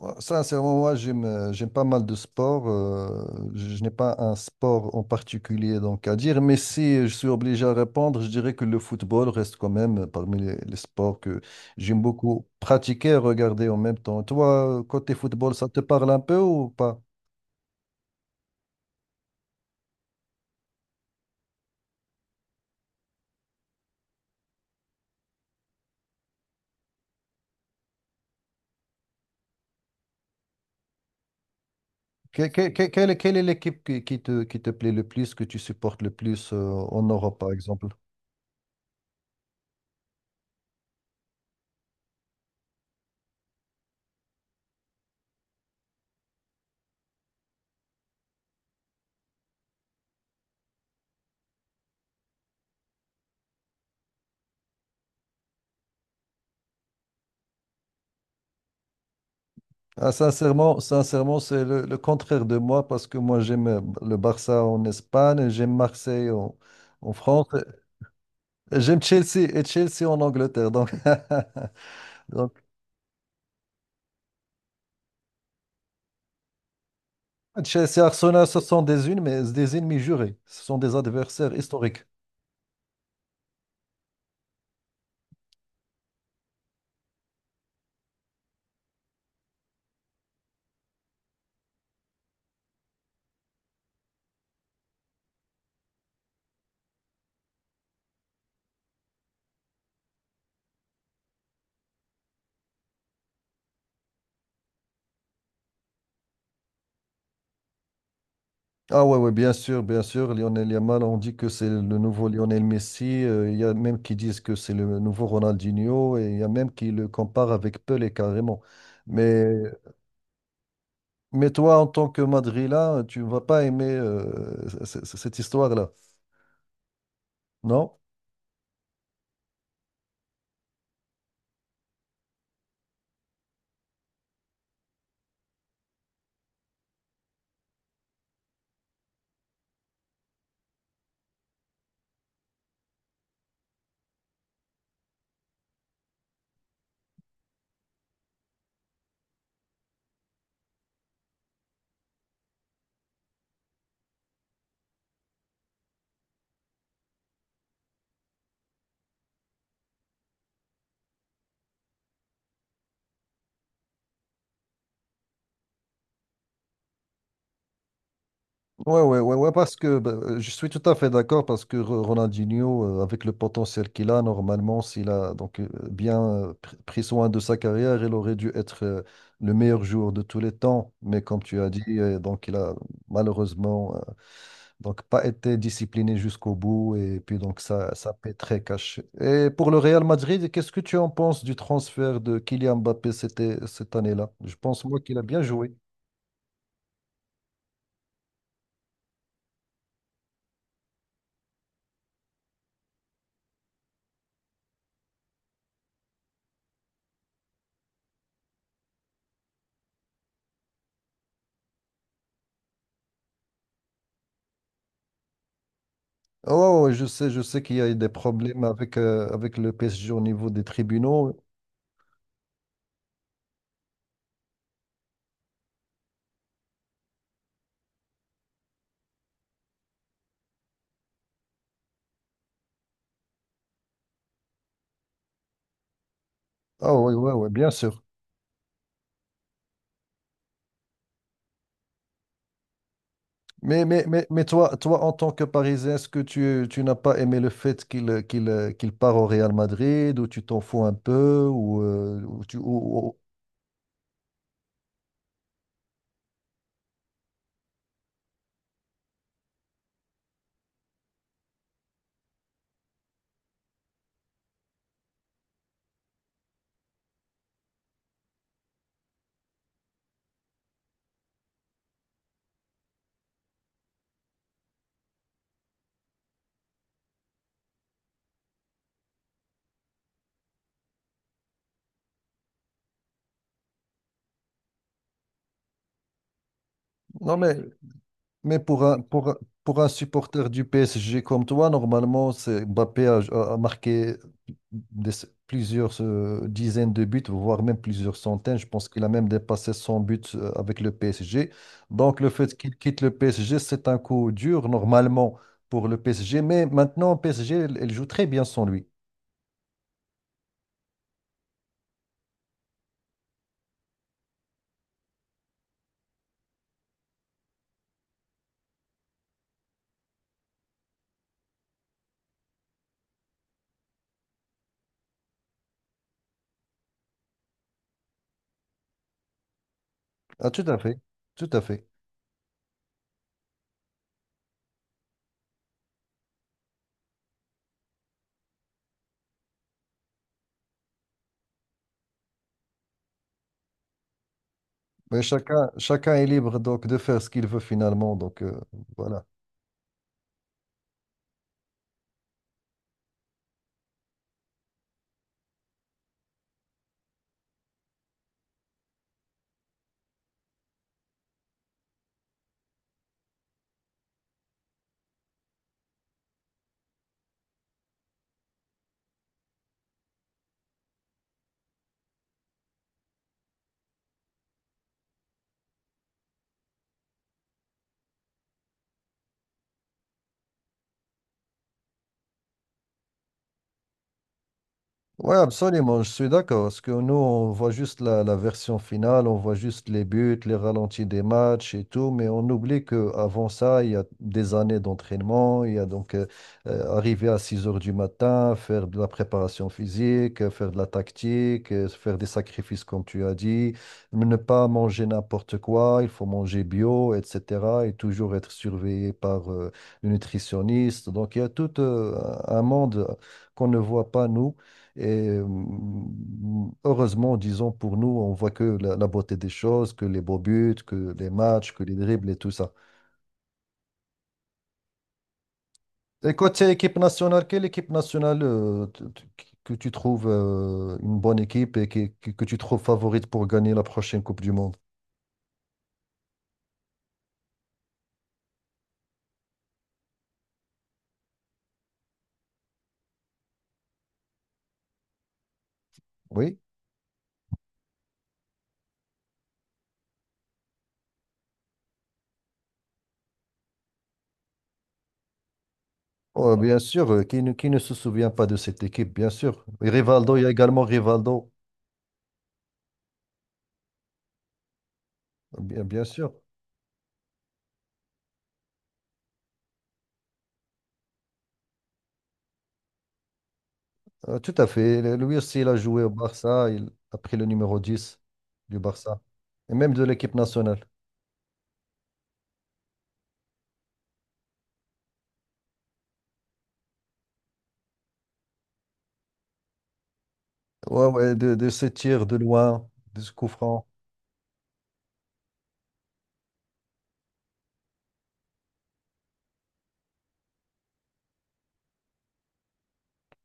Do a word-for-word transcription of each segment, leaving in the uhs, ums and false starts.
Ouais, Sincèrement, moi, j'aime, euh, j'aime pas mal de sports. Euh, je n'ai pas un sport en particulier donc à dire, mais si je suis obligé à répondre, je dirais que le football reste quand même parmi les, les sports que j'aime beaucoup pratiquer et regarder en même temps. Toi, côté football, ça te parle un peu ou pas? Que- que- que- Quelle, est quelle est l'équipe qui, qui te, qui te plaît le plus, que tu supportes le plus euh, en Europe, par exemple? Ah, sincèrement, sincèrement, c'est le, le contraire de moi parce que moi j'aime euh, le Barça en Espagne, et j'aime Marseille en, en France, et j'aime Chelsea et Chelsea en Angleterre. Donc, donc Chelsea, Arsenal, ce sont des unes, mais des ennemis jurés. Ce sont des adversaires historiques. Ah ouais, ouais, bien sûr, bien sûr. Lionel Yamal, on dit que c'est le nouveau Lionel Messi. euh, Il y a même qui disent que c'est le nouveau Ronaldinho et il y a même qui le comparent avec Pelé carrément. Mais Mais toi, en tant que Madrilène, tu ne vas pas aimer euh, c- c- cette histoire-là, non? Ouais, ouais, ouais, ouais, parce que bah, euh, je suis tout à fait d'accord parce que Ro- Ronaldinho, euh, avec le potentiel qu'il a, normalement, s'il a donc euh, bien euh, pr- pris soin de sa carrière, il aurait dû être euh, le meilleur joueur de tous les temps. Mais comme tu as dit, euh, donc il a malheureusement euh, Donc, pas été discipliné jusqu'au bout. Et puis, donc, ça, ça paie très cash. Et pour le Real Madrid, qu'est-ce que tu en penses du transfert de Kylian Mbappé c'était, cette année-là? Je pense, moi, qu'il a bien joué. Oh, oh, oh, je sais, je sais qu'il y a eu des problèmes avec, euh, avec le P S G au niveau des tribunaux. Ah oui, ouais, ouais, bien sûr. Mais, mais, mais, mais toi, toi, en tant que Parisien, est-ce que tu, tu n'as pas aimé le fait qu'il euh, qu'il, euh, qu'il part au Real Madrid ou tu t'en fous un peu ou, euh, ou tu, ou- ou- Non, mais Mais pour un, pour, un pour un supporter du P S G comme toi, normalement, c'est Mbappé a, a- a marqué des- plusieurs euh, dizaines de buts, voire même plusieurs centaines. Je pense qu'il a même dépassé cent buts euh, avec le P S G. Donc, le fait qu'il quitte le P S G, c'est un coup dur, normalement, pour le P S G. Mais maintenant, P S G, elle, elle joue très bien sans lui. Ah, tout à fait. Tout à fait. Mais chacun, chacun est libre donc, de faire ce qu'il veut finalement. Donc, euh, voilà. Oui, absolument, je suis d'accord. Parce que nous, on voit juste la, la version finale, on voit juste les buts, les ralentis des matchs et tout, mais on oublie qu'avant ça, il y a des années d'entraînement, il y a donc euh, euh, arriver à six heures du matin, faire de la préparation physique, euh, faire de la tactique, euh, faire des sacrifices, comme tu as dit, mais ne pas manger n'importe quoi, il faut manger bio, et cetera et toujours être surveillé par euh, le nutritionniste. Donc, il y a tout euh, un monde qu'on ne voit pas, nous. Et mm, heureusement, disons, pour nous, on voit que la, la beauté des choses, que les beaux buts, que les matchs, que les dribbles et tout ça. Et côté équipe nationale, quelle équipe nationale euh, t- t- que tu trouves euh, une bonne équipe et qui- qui- que, tu trouves favorite pour gagner la prochaine Coupe du Monde? Oui, Oh, bien sûr, euh, qui ne, qui ne se souvient pas de cette équipe, bien sûr. Et Rivaldo, il y a également Rivaldo, bien, bien sûr. Euh, tout à fait. Le- Lui aussi, il a joué au Barça. Il a pris le numéro dix du Barça. Et même de l'équipe nationale. Ouais, ouais, de, de ses tirs de loin, de ce coup franc.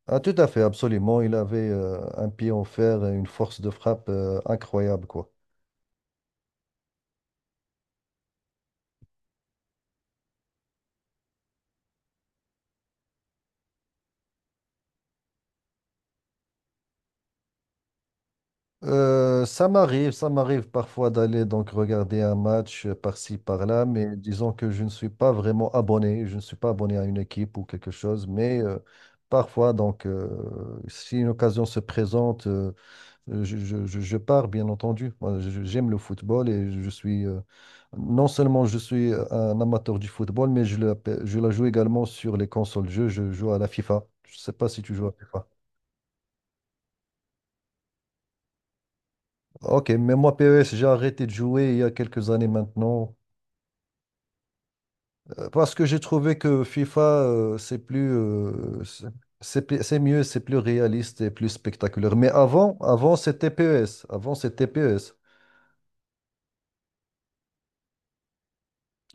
Ah, tout à fait, absolument. Il avait euh, un pied en fer et une force de frappe euh, incroyable, quoi. Euh, ça m'arrive, ça m'arrive parfois d'aller donc regarder un match euh, par-ci, par-là, mais disons que je ne suis pas vraiment abonné, je ne suis pas abonné à une équipe ou quelque chose, mais euh, parfois, donc, euh, si une occasion se présente, euh, Euh, Je, je- je- je pars, bien entendu. Moi, je- je- j'aime le football et je suis, euh, non seulement je suis euh, un amateur du football, mais je, l'appelle- je la joue également sur les consoles de jeu. Je joue à la FIFA. Je sais pas si tu joues à FIFA. Ok, mais moi, P E S, j'ai arrêté de jouer il y a quelques années maintenant euh, parce que j'ai trouvé que FIFA, euh, c'est plus, euh, c'est c'est plus- c'est mieux, c'est plus réaliste et plus spectaculaire. Mais avant, avant, c'était P E S. Avant, c'était P E S.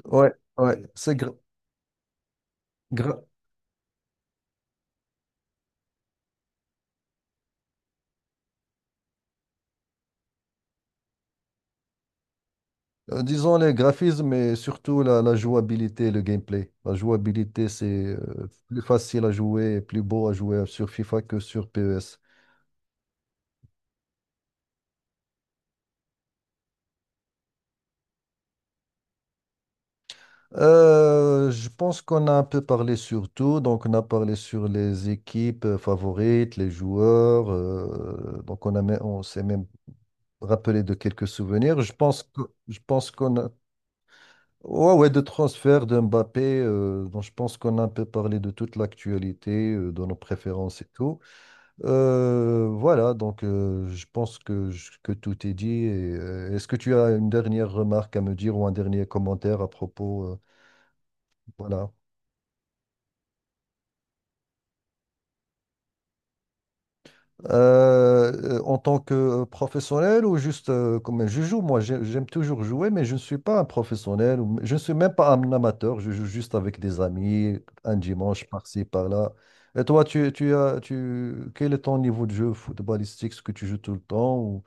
Ouais, ouais, c'est gra- gra- Euh, Disons les graphismes et surtout la, la jouabilité, le gameplay. La jouabilité, c'est euh, plus facile à jouer et plus beau à jouer sur FIFA que sur P E S. Euh, je pense qu'on a un peu parlé sur tout. Donc, on a parlé sur les équipes euh, favorites, les joueurs. Euh, donc, on a, même- on s'est même rappelé de quelques souvenirs. Je pense que, je pense qu'on a. Ouais, ouais, de transfert de Mbappé. Euh, donc, je pense qu'on a un peu parlé de toute l'actualité, euh, de nos préférences et tout. Euh, voilà, donc euh, je pense que, je- que tout est dit. Et, euh, est-ce que tu as une dernière remarque à me dire ou un dernier commentaire à propos, euh, voilà. Euh, euh, en tant que professionnel ou juste euh, comme je joue, moi j'ai- j'aime toujours jouer, mais je ne suis pas un professionnel, ou- je ne suis même pas un amateur, je joue juste avec des amis, un dimanche par-ci, par-là. Et toi, tu, tu as, tu, quel est ton niveau de jeu footballistique, ce que tu joues tout le temps ou...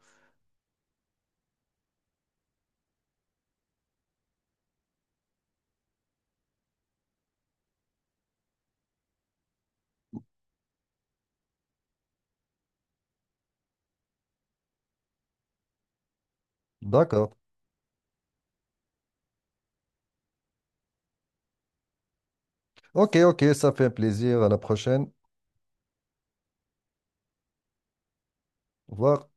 D'accord. Ok, ok, ça fait plaisir. À la prochaine. Au revoir.